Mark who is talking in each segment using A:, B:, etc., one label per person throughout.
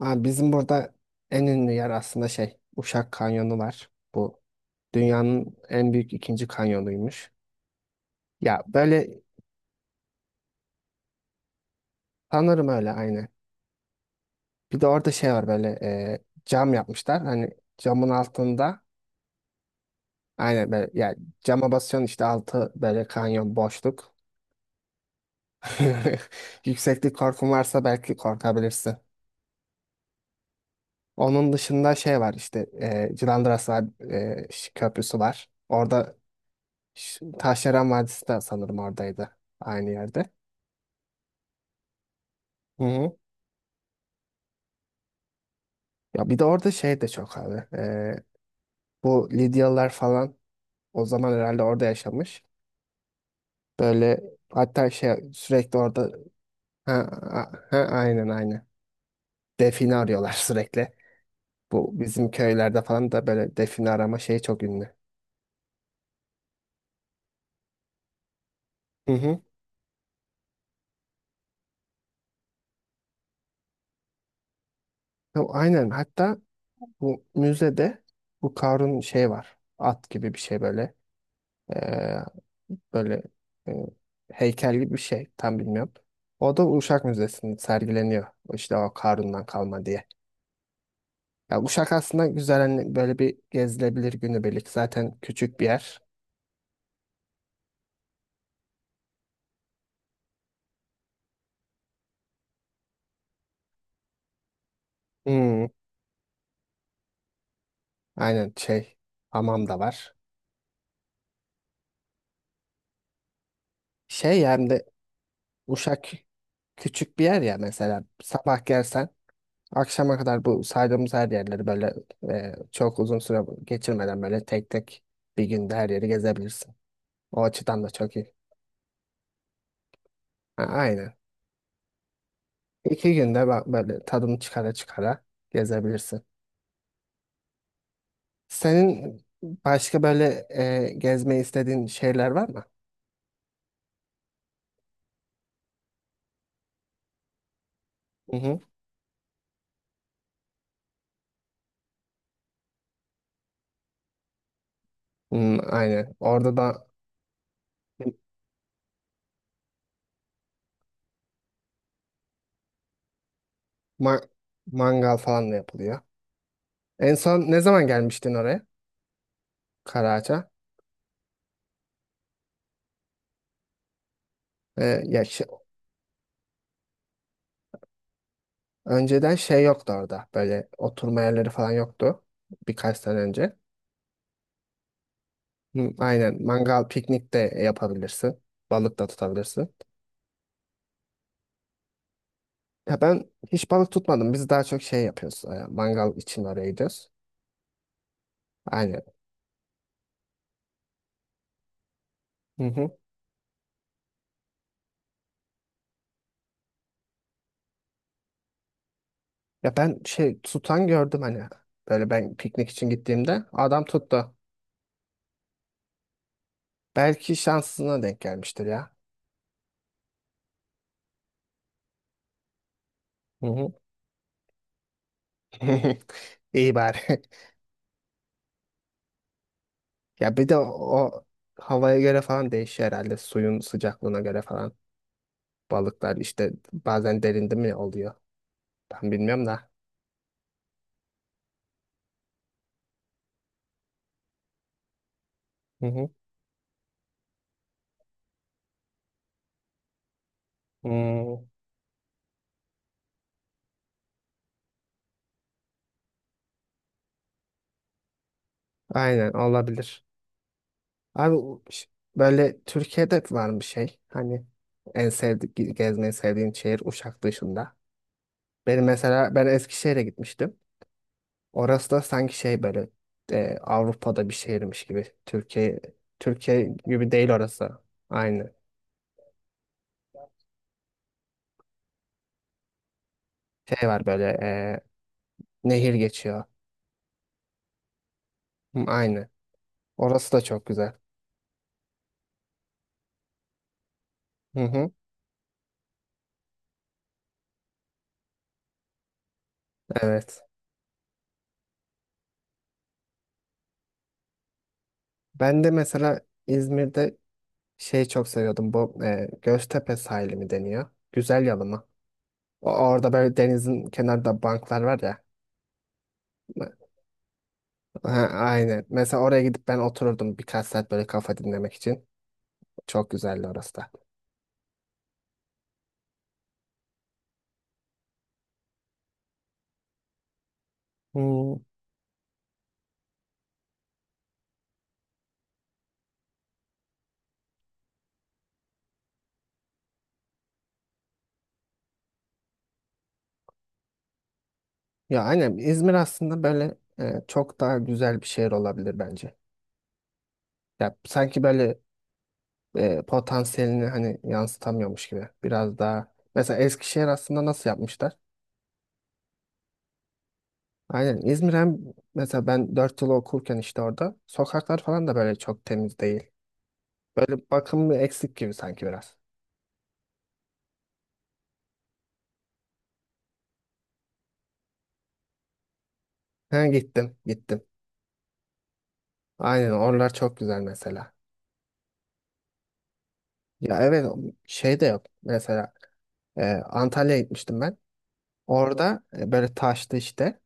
A: Abi bizim burada en ünlü yer aslında şey Uşak Kanyonu var. Bu dünyanın en büyük ikinci kanyonuymuş. Ya böyle sanırım öyle aynı. Bir de orada şey var böyle cam yapmışlar. Hani camın altında aynen böyle yani cama basıyorsun işte altı böyle kanyon boşluk. Yükseklik korkun varsa belki korkabilirsin. Onun dışında şey var işte Cilandras var, köprüsü var. Orada şu Taşdelen Vadisi de sanırım oradaydı. Aynı yerde. Hı hı. Ya bir de orada şey de çok abi. Bu Lidyalılar falan o zaman herhalde orada yaşamış. Böyle hatta şey sürekli orada ha, ha, aynen aynen. Define arıyorlar sürekli. Bu bizim köylerde falan da böyle define arama şeyi çok ünlü. Hı hı. Ya aynen hatta bu müzede bu Karun şey var. At gibi bir şey böyle. Böyle e, heykel gibi bir şey. Tam bilmiyorum. O da Uşak Müzesi'nde sergileniyor. İşte o Karun'dan kalma diye. Ya Uşak aslında güzel hani böyle bir gezilebilir günübirlik. Zaten küçük bir yer. Hmm, aynen şey hamam da var. Şey yani de Uşak küçük bir yer ya mesela sabah gelsen akşama kadar bu saydığımız her yerleri böyle çok uzun süre geçirmeden böyle tek tek bir günde her yeri gezebilirsin. O açıdan da çok iyi. Ha, aynen. 2 günde bak böyle tadını çıkara çıkara gezebilirsin. Senin başka böyle gezmeyi istediğin şeyler var mı? Hı hı. Hmm, aynen. Orada da ma- mangal falan da yapılıyor. En son ne zaman gelmiştin oraya? Karaağaç'a. Ya önceden şey yoktu orada. Böyle oturma yerleri falan yoktu. Birkaç sene önce. Hı, aynen. Mangal, piknik de yapabilirsin. Balık da tutabilirsin. Ya ben hiç balık tutmadım. Biz daha çok şey yapıyoruz. Mangal için oraya gidiyoruz. Aynen. Hı hı. Ya ben şey tutan gördüm hani. Böyle ben piknik için gittiğimde adam tuttu. Belki şansına denk gelmiştir ya. Hı hı. İyi bari. Ya bir de o havaya göre falan değişiyor herhalde. Suyun sıcaklığına göre falan. Balıklar işte bazen derinde mi oluyor? Ben bilmiyorum da. Hı hı. Hmm, aynen olabilir. Abi o böyle Türkiye'de var bir şey. Hani en sevdik gezmeyi sevdiğin şehir Uşak dışında. Benim mesela ben Eskişehir'e gitmiştim. Orası da sanki şey böyle Avrupa'da bir şehirmiş gibi. Türkiye gibi değil orası. Aynı. Şey var böyle nehir geçiyor. Hı, aynı. Orası da çok güzel. Hı hı. Evet. Ben de mesela İzmir'de şey çok seviyordum. Bu Göztepe sahili mi deniyor? Güzel Yalı mı? Orada böyle denizin kenarında banklar var ya. Ha, aynen. Mesela oraya gidip ben otururdum birkaç saat böyle kafa dinlemek için. Çok güzeldi orası da. Hmm. Ya aynen İzmir aslında böyle çok daha güzel bir şehir olabilir bence. Ya sanki böyle potansiyelini hani yansıtamıyormuş gibi. Biraz daha mesela Eskişehir aslında nasıl yapmışlar? Aynen İzmir hem mesela ben 4 yıl okurken işte orada sokaklar falan da böyle çok temiz değil. Böyle bakımı eksik gibi sanki biraz. He gittim gittim. Aynen oralar çok güzel mesela. Ya evet şey de yok mesela Antalya'ya gitmiştim ben. Orada böyle taştı işte.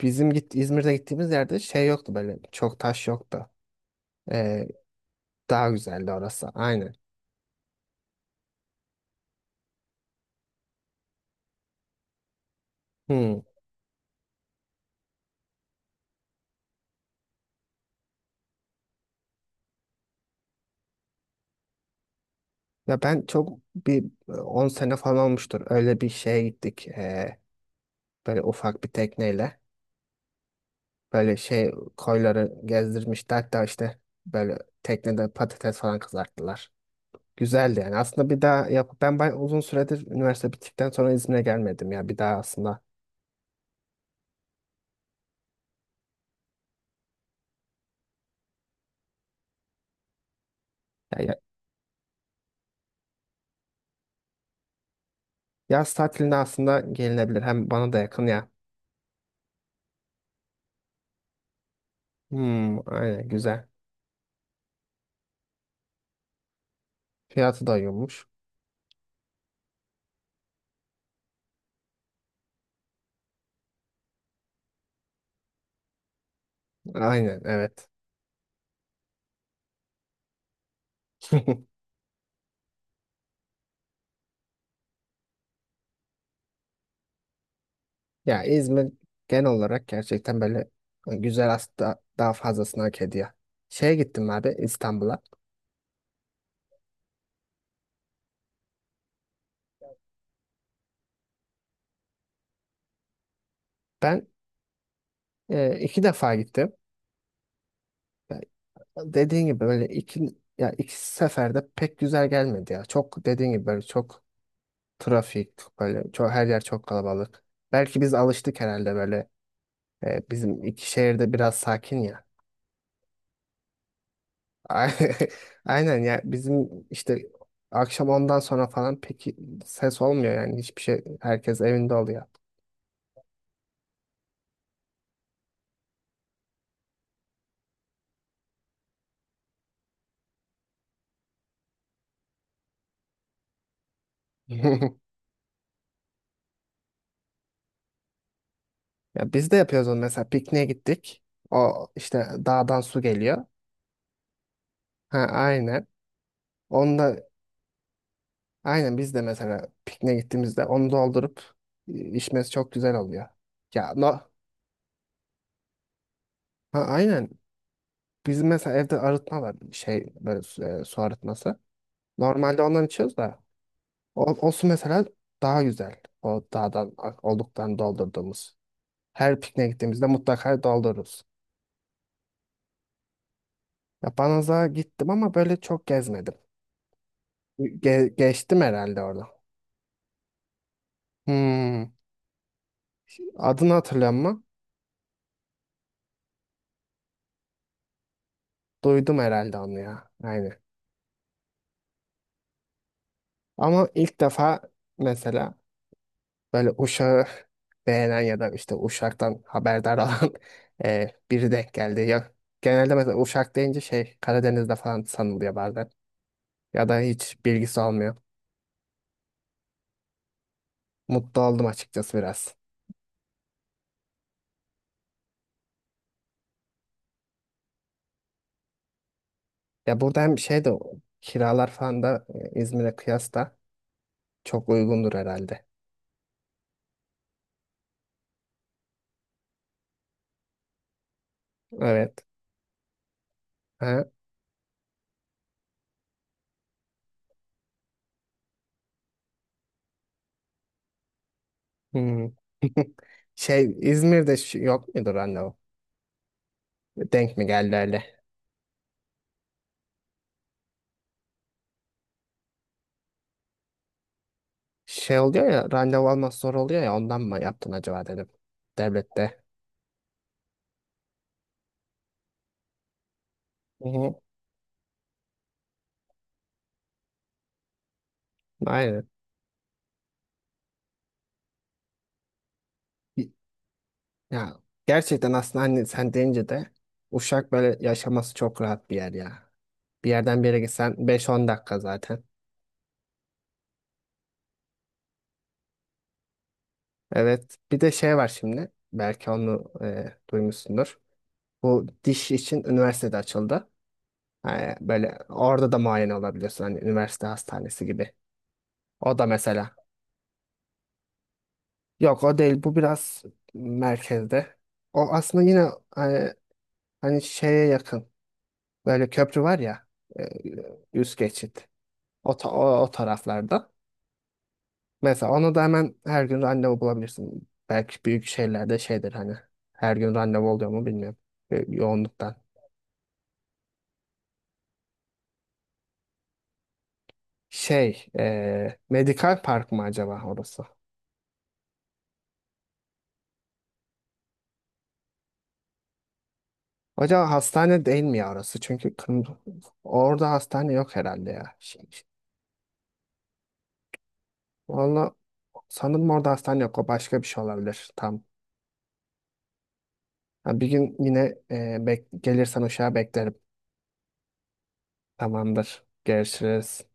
A: Bizim İzmir'de gittiğimiz yerde şey yoktu böyle çok taş yoktu. E, daha güzeldi orası aynen. Hmm. Ya ben çok bir 10 sene falan olmuştur öyle bir şeye gittik. Böyle ufak bir tekneyle. Böyle şey koyları gezdirmişti. Hatta işte böyle teknede patates falan kızarttılar. Güzeldi yani. Aslında bir daha yap ben bay uzun süredir üniversite bittikten sonra İzmir'e gelmedim ya. Bir daha aslında ya, ya- yaz tatilinde aslında gelinebilir. Hem bana da yakın ya. Hmm, aynen güzel. Fiyatı da uygunmuş. Aynen evet. Ya İzmir genel olarak gerçekten böyle güzel aslında daha fazlasını hak ediyor. Şeye gittim abi İstanbul'a. Ben iki defa gittim. Yani dediğin gibi böyle iki ya iki seferde pek güzel gelmedi ya. Çok dediğin gibi böyle çok trafik böyle çok her yer çok kalabalık. Belki biz alıştık herhalde böyle bizim iki şehirde biraz sakin ya. Ay- Aynen ya bizim işte akşam ondan sonra falan pek ses olmuyor yani hiçbir şey herkes evinde oluyor. Ya biz de yapıyoruz onu mesela pikniğe gittik. O işte dağdan su geliyor. Ha aynen. Onda Aynen biz de mesela pikniğe gittiğimizde onu doldurup içmesi çok güzel oluyor. Ya no, Ha, aynen. Bizim mesela evde arıtma var şey böyle su, su arıtması. Normalde ondan içiyoruz da o, o, su mesela daha güzel. O dağdan olduktan doldurduğumuz. Her pikniğe gittiğimizde mutlaka doldururuz. Ya Banaz'a gittim ama böyle çok gezmedim. Geçtim herhalde orada. Hmm. Adını hatırlıyorum ama duydum herhalde onu ya. Aynen. Ama ilk defa mesela böyle uşağı beğenen ya da işte uşaktan haberdar olan biri denk geldi. Ya, genelde mesela uşak deyince şey Karadeniz'de falan sanılıyor bazen. Ya da hiç bilgisi olmuyor. Mutlu oldum açıkçası biraz. Ya burada hem şey de kiralar falan da İzmir'e kıyasla çok uygundur herhalde. Evet. Ha? Hmm. Şey İzmir'de yok mudur anne o? Denk mi geldi? Şey oluyor ya randevu almak zor oluyor ya ondan mı yaptın acaba dedim. Devlette. Hı hı. Aynen. Ya gerçekten aslında hani sen deyince de Uşak böyle yaşaması çok rahat bir yer ya. Bir yerden bir yere gitsen beş on dakika zaten. Evet. Bir de şey var şimdi. Belki onu duymuşsundur. Bu diş için üniversitede açıldı. Ha, böyle orada da muayene olabiliyorsun. Hani üniversite hastanesi gibi. O da mesela. Yok o değil. Bu biraz merkezde. O aslında yine e, hani şeye yakın. Böyle köprü var ya. e, Üst geçit. O taraflarda. Mesela onu da hemen her gün randevu bulabilirsin. Belki büyük şehirlerde şeydir hani. Her gün randevu oluyor mu bilmiyorum. Yoğunluktan. Şey. Medikal Park mı acaba orası? Acaba hastane değil mi ya orası? Çünkü kırmızı, orada hastane yok herhalde ya. Şey, valla sanırım orada hastane yok. O başka bir şey olabilir. Tam. Ha, bir gün yine gelirsen uşağa beklerim. Tamamdır. Görüşürüz.